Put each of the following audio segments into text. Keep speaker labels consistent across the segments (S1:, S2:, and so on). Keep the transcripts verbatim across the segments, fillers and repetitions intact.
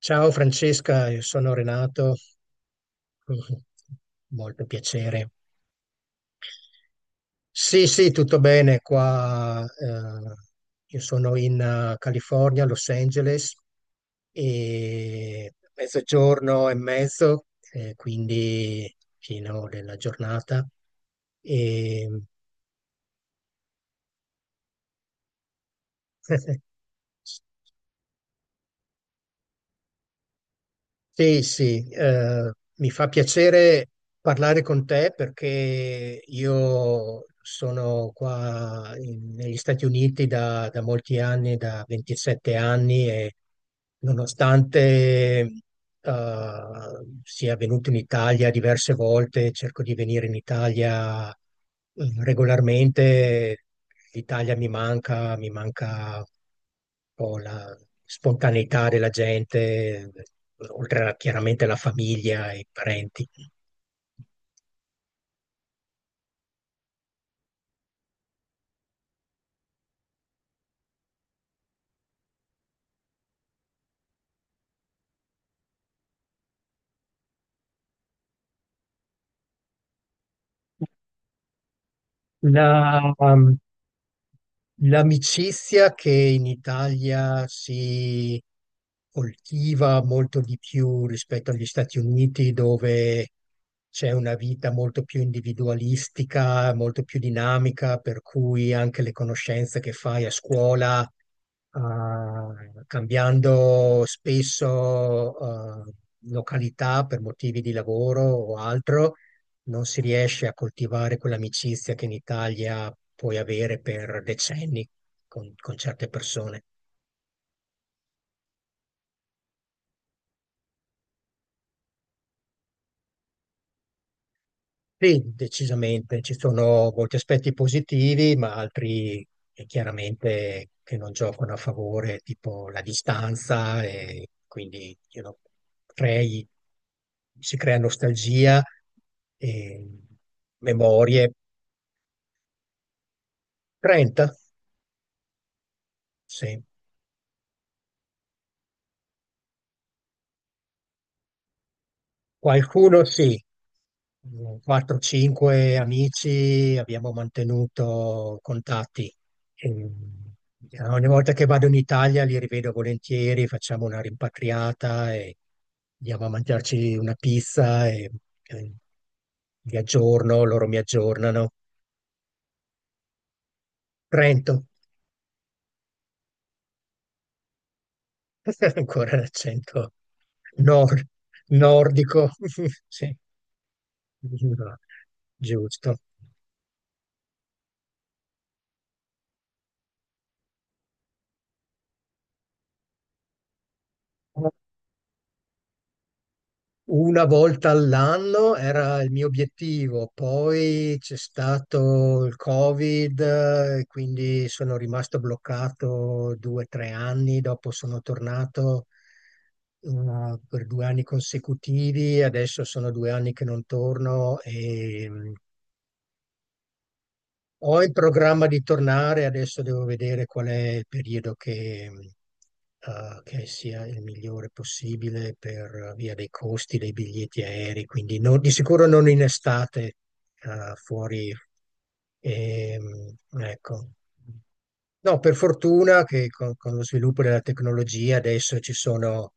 S1: Ciao Francesca, io sono Renato, molto piacere. Sì, sì, tutto bene qua. Eh, io sono in eh, California, Los Angeles, e mezzogiorno e mezzo, eh, quindi fino della giornata. E sì, sì, sì, eh, mi fa piacere parlare con te perché io sono qua in- negli Stati Uniti da, da molti anni, da ventisette anni e nonostante eh, sia venuto in Italia diverse volte, cerco di venire in Italia eh, regolarmente. L'Italia mi manca, mi manca un po' la spontaneità della gente, oltre, a, chiaramente, alla famiglia e i parenti. La- um, L'amicizia che in Italia si coltiva molto di più rispetto agli Stati Uniti, dove c'è una vita molto più individualistica, molto più dinamica, per cui anche le conoscenze che fai a scuola, eh, cambiando spesso eh, località per motivi di lavoro o altro, non si riesce a coltivare quell'amicizia che in Italia puoi avere per decenni con, con certe persone. Sì, decisamente, ci sono molti aspetti positivi, ma altri, eh, chiaramente, che non giocano a favore, tipo la distanza, e quindi, you know, crei- si crea nostalgia e memorie. trenta, sì. Qualcuno sì, quattro cinque amici abbiamo mantenuto contatti. E ogni volta che vado in Italia li rivedo volentieri, facciamo una rimpatriata e andiamo a mangiarci una pizza e, e vi aggiorno, loro mi aggiornano. Trento. Ancora l'accento nor- nordico. Sì, giusto. Una volta all'anno era il mio obiettivo, poi c'è stato il Covid, eh, e quindi sono rimasto bloccato due o tre anni, dopo sono tornato eh, per due anni consecutivi, adesso sono due anni che non torno e, mh, ho in programma di tornare. Adesso devo vedere qual è il periodo, che, eh, che sia il migliore possibile per, eh, via dei costi dei biglietti aerei, quindi no- di sicuro non in estate, eh, fuori. Ehm, ecco. No, per fortuna che con, con lo sviluppo della tecnologia adesso ci sono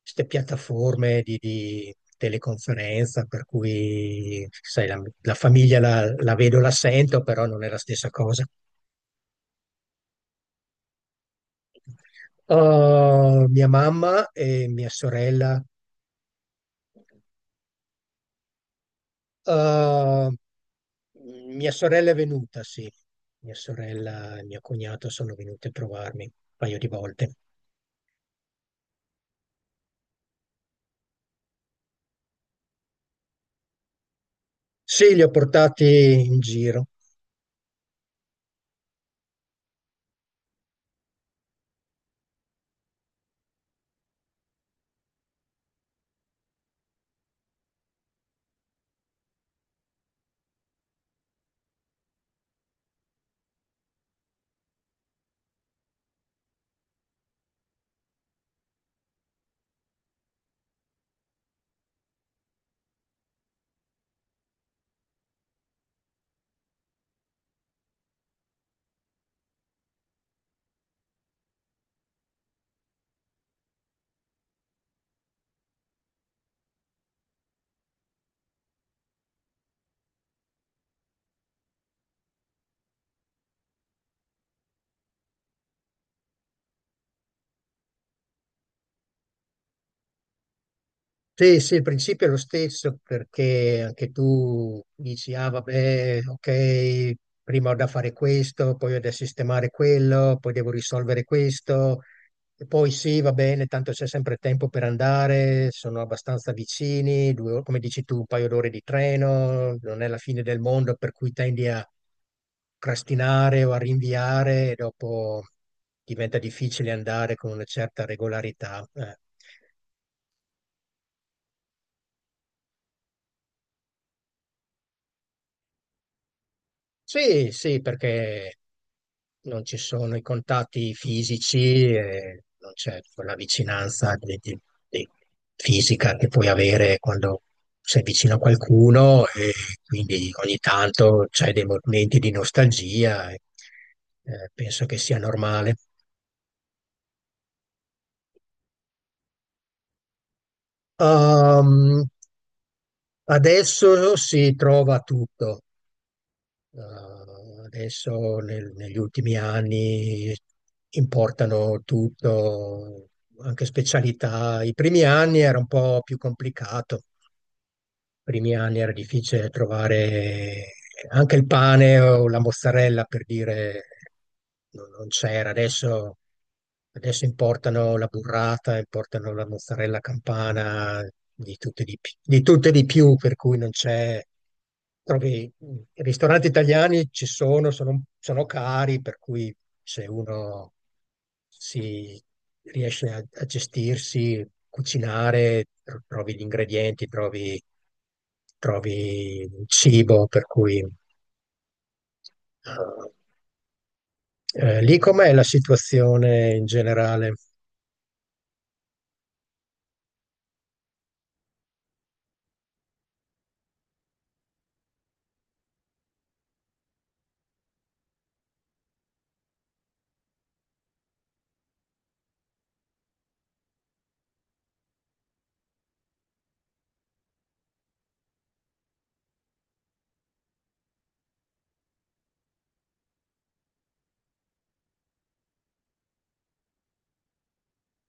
S1: queste piattaforme di, di teleconferenza, per cui sai, la, la famiglia la, la vedo, la sento, però non è la stessa cosa. Uh, mia mamma e mia sorella. uh, Mia sorella è venuta, sì. Mia sorella e mio cognato sono venuti a trovarmi un paio di volte. Sì, li ho portati in giro. Sì, sì, il principio è lo stesso perché anche tu dici, ah vabbè, ok, prima ho da fare questo, poi ho da sistemare quello, poi devo risolvere questo, e poi sì, va bene, tanto c'è sempre tempo per andare, sono abbastanza vicini, due ore- come dici tu, un paio d'ore di treno, non è la fine del mondo, per cui tendi a procrastinare o a rinviare, e dopo diventa difficile andare con una certa regolarità. eh. Sì, sì, perché non ci sono i contatti fisici e non c'è quella vicinanza di- di- di- fisica che puoi avere quando sei vicino a qualcuno, e quindi ogni tanto c'è dei momenti di nostalgia e eh, penso che sia normale. Ehm, Adesso si trova tutto. Eh, Adesso nel- negli ultimi anni importano tutto, anche specialità. I primi anni era un po' più complicato. I primi anni era difficile trovare anche il pane o la mozzarella, per dire non, non c'era. Adesso, adesso importano la burrata, importano la mozzarella campana, di tutte e di, pi- di tutte e di più, per cui non c'è, trovi. I ristoranti italiani ci sono, sono, sono cari, per cui se uno si riesce a, a gestirsi, cucinare, tro- trovi gli ingredienti, trovi, trovi il cibo, per cui eh, eh, lì com'è la situazione in generale?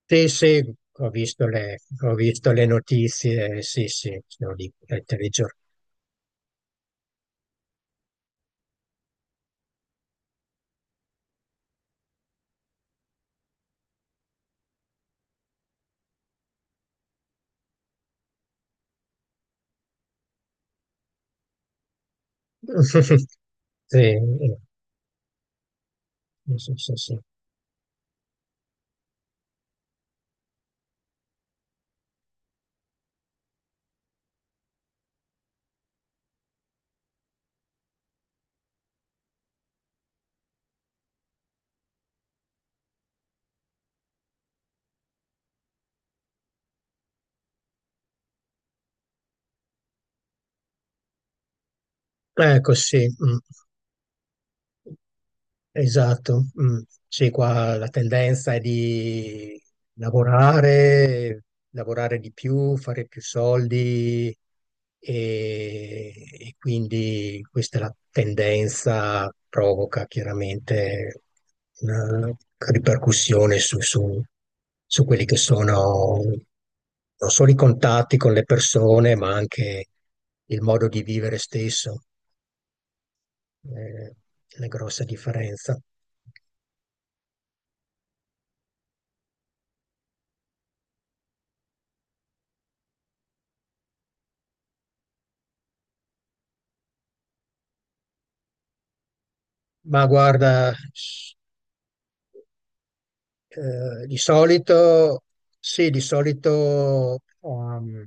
S1: Sì, sì, ho visto le, ho visto le notizie, sì, sì, sono lì ai telegiornali. Sì, eh, sì, sì, sì. Ecco, sì. Mm. Esatto, mm. Sì, qua la tendenza è di lavorare, lavorare di più, fare più soldi, e, e quindi questa è la tendenza, provoca chiaramente una ripercussione su, su- su quelli che sono non solo i contatti con le persone, ma anche il modo di vivere stesso, eh, una grossa differenza. Ma guarda, s- eh, di solito, sì, di solito ehm,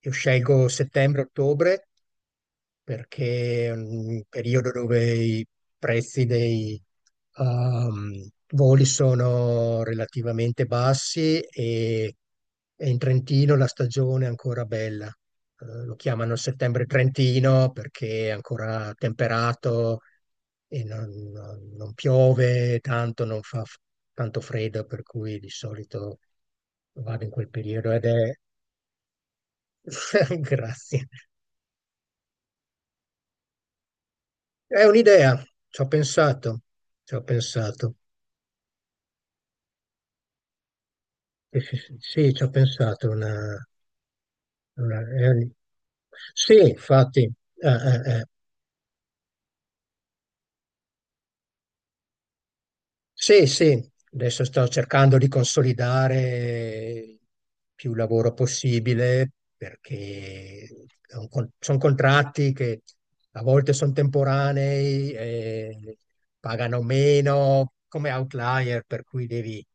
S1: io scelgo settembre-ottobre perché è un periodo dove i prezzi dei, ehm, voli sono relativamente bassi, e, e in Trentino la stagione è ancora bella. Eh, lo chiamano settembre Trentino perché è ancora temperato e non, non- non piove tanto, non fa f- tanto freddo, per cui di solito vado in quel periodo ed è... Grazie. È un'idea, ci ho pensato, ci ho pensato. Sì, sì, sì, sì, ci ho pensato. Una, una- è un- Sì, infatti, eh, eh, eh. Sì, sì, adesso sto cercando di consolidare più lavoro possibile perché sono contratti che a volte sono temporanei, e pagano meno come outlier, per cui devi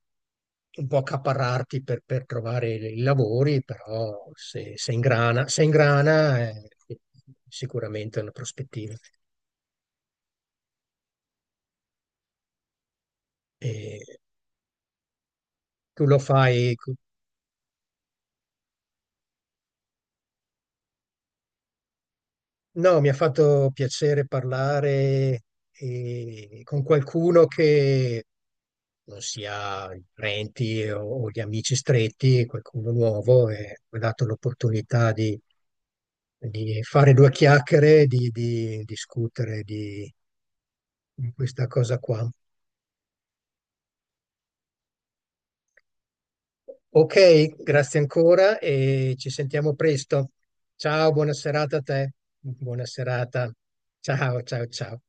S1: un po' accaparrarti per, per trovare i lavori, però se, se ingrana, se ingrana è sicuramente una prospettiva. E tu lo fai. No, mi ha fatto piacere parlare eh, con qualcuno che non sia i parenti o, o gli amici stretti, qualcuno nuovo, e mi ha dato l'opportunità di, di fare due chiacchiere, di, di discutere di, di questa cosa qua. Ok, grazie ancora e ci sentiamo presto. Ciao, buona serata a te. Buona serata. Ciao, ciao, ciao.